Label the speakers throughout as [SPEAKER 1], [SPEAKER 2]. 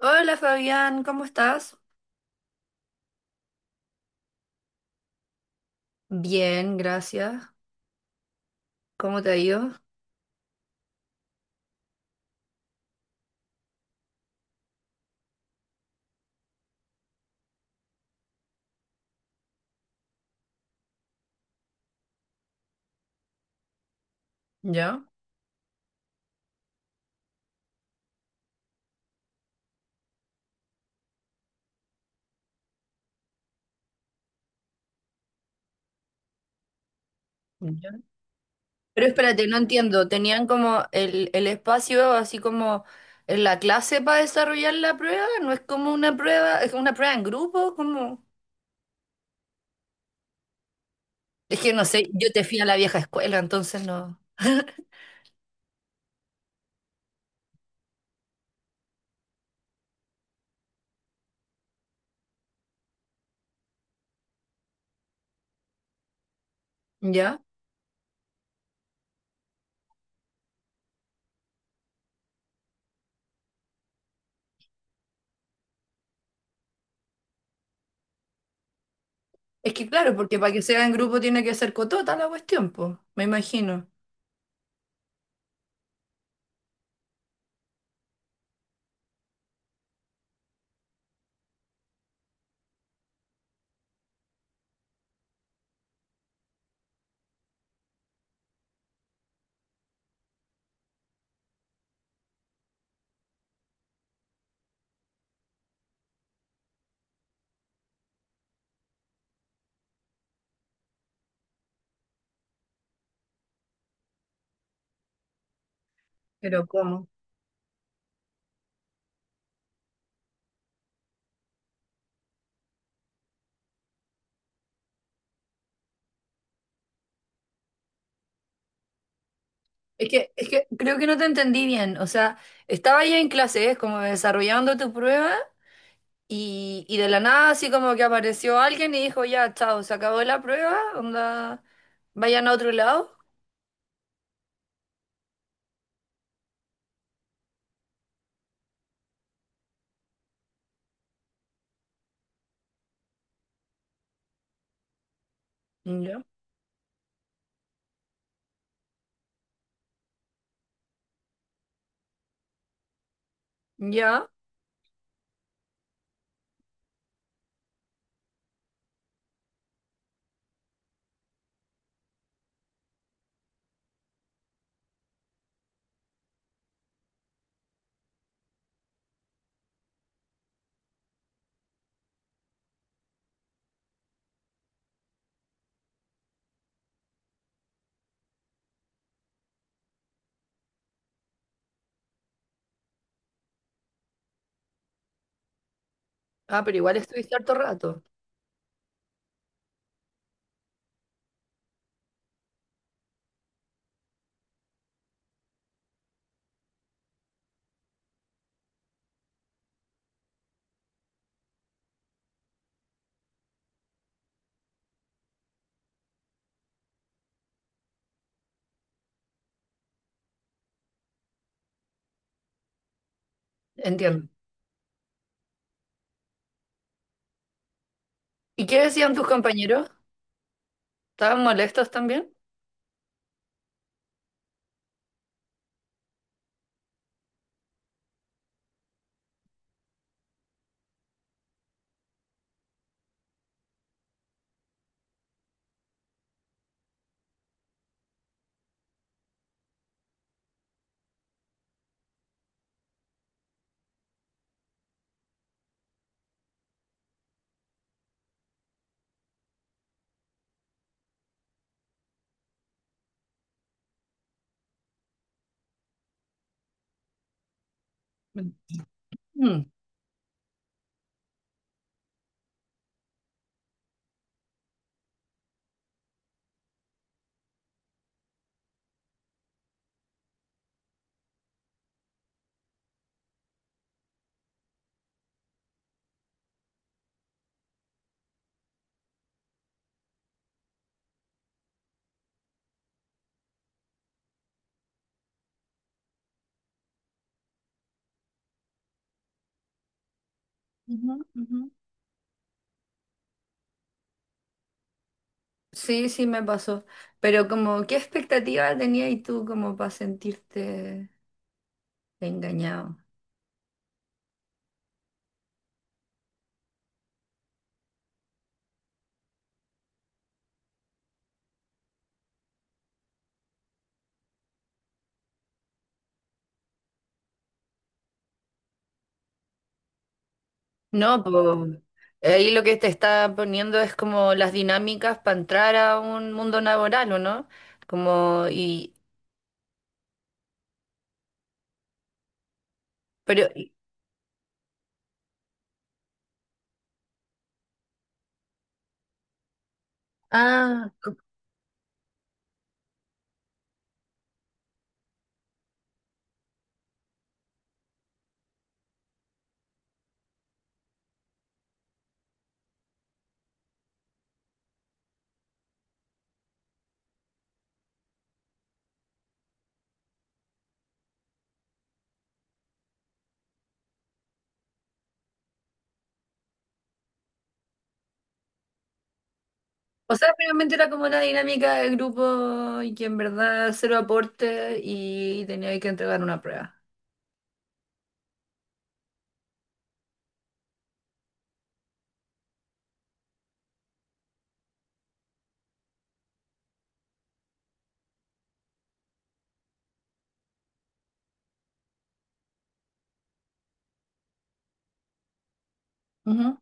[SPEAKER 1] Hola Fabián, ¿cómo estás? Bien, gracias. ¿Cómo te ha ido? ¿Ya? ¿Ya? Pero espérate, no entiendo. ¿Tenían como el espacio así como en la clase para desarrollar la prueba? ¿No es como una prueba, es una prueba en grupo? ¿Cómo? Es que no sé, yo te fui a la vieja escuela, entonces no. ¿Ya? Es que claro, porque para que sea en grupo tiene que ser cotota la cuestión, pues, me imagino. Pero ¿cómo? Es que creo que no te entendí bien. O sea, estaba ya en clase, ¿eh? Como desarrollando tu prueba. Y de la nada así como que apareció alguien y dijo, ya, chao, se acabó la prueba, onda, vayan a otro lado. Ya. Ya. Ah, pero igual estuviste harto rato. Entiendo. ¿Y qué decían tus compañeros? ¿Estaban molestos también? Mm. Ujú, ujú. Sí, sí, me pasó. Pero como, ¿qué expectativa tenías tú como para sentirte engañado? No, pues ahí lo que te está poniendo es como las dinámicas para entrar a un mundo laboral, ¿o no? Como, y, pero, y- ah, o sea, realmente era como una dinámica de grupo y que en verdad cero aporte y tenía que entregar una prueba. Ujú.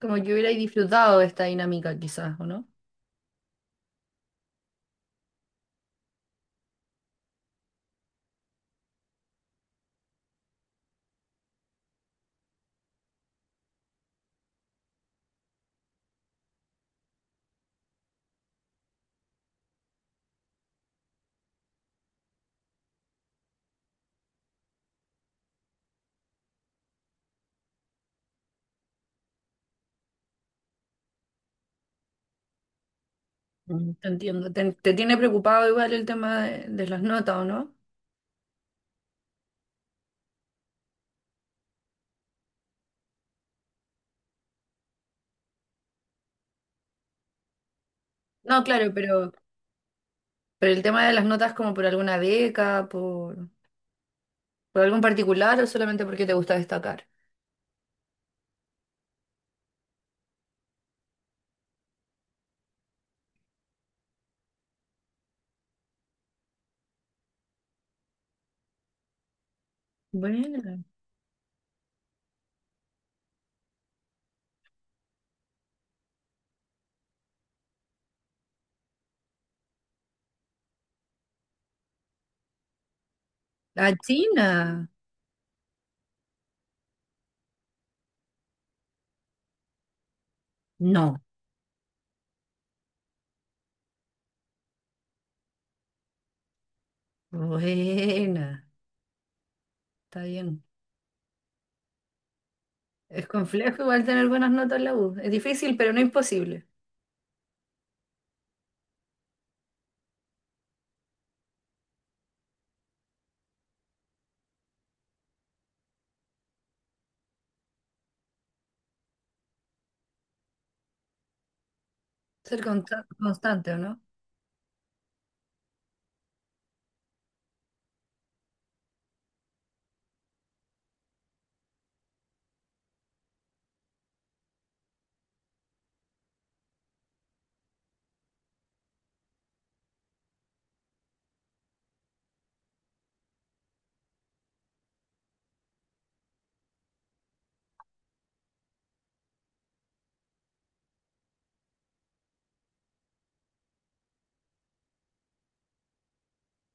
[SPEAKER 1] Como que hubiera disfrutado de esta dinámica quizás, ¿o no? Mm. Te entiendo. ¿Te, te tiene preocupado igual el tema de las notas, ¿o no? No, claro, pero el tema de las notas como por alguna beca, por... ¿Por algo en particular o solamente porque te gusta destacar? Buena. La China. No. Buena. Está bien. Es complejo igual tener buenas notas en la U. Es difícil, pero no imposible. Ser consta- constante, ¿o no?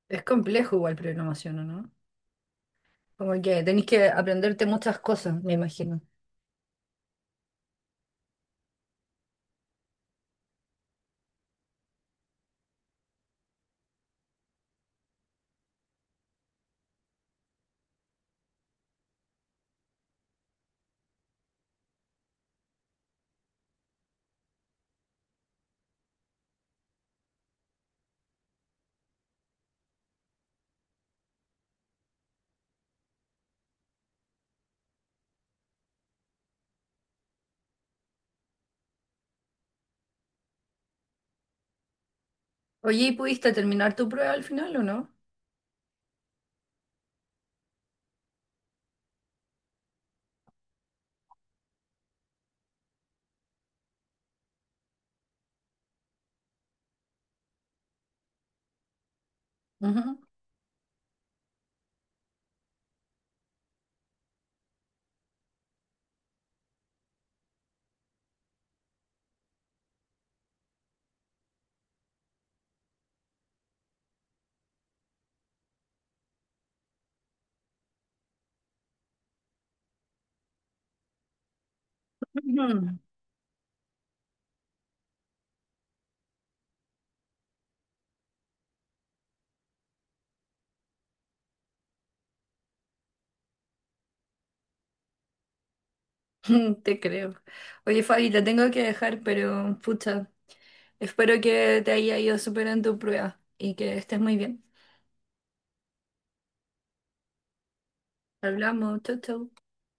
[SPEAKER 1] Es complejo igual programación, ¿o no? Como que tenés que aprenderte muchas cosas, me imagino. Oye, ¿y pudiste terminar tu prueba al final o no? Ujú. Ujú. Te creo. Oye, Fabi, te tengo que dejar, pero pucha, espero que te haya ido súper en tu prueba y que estés muy bien. Hablamos, chau, chau.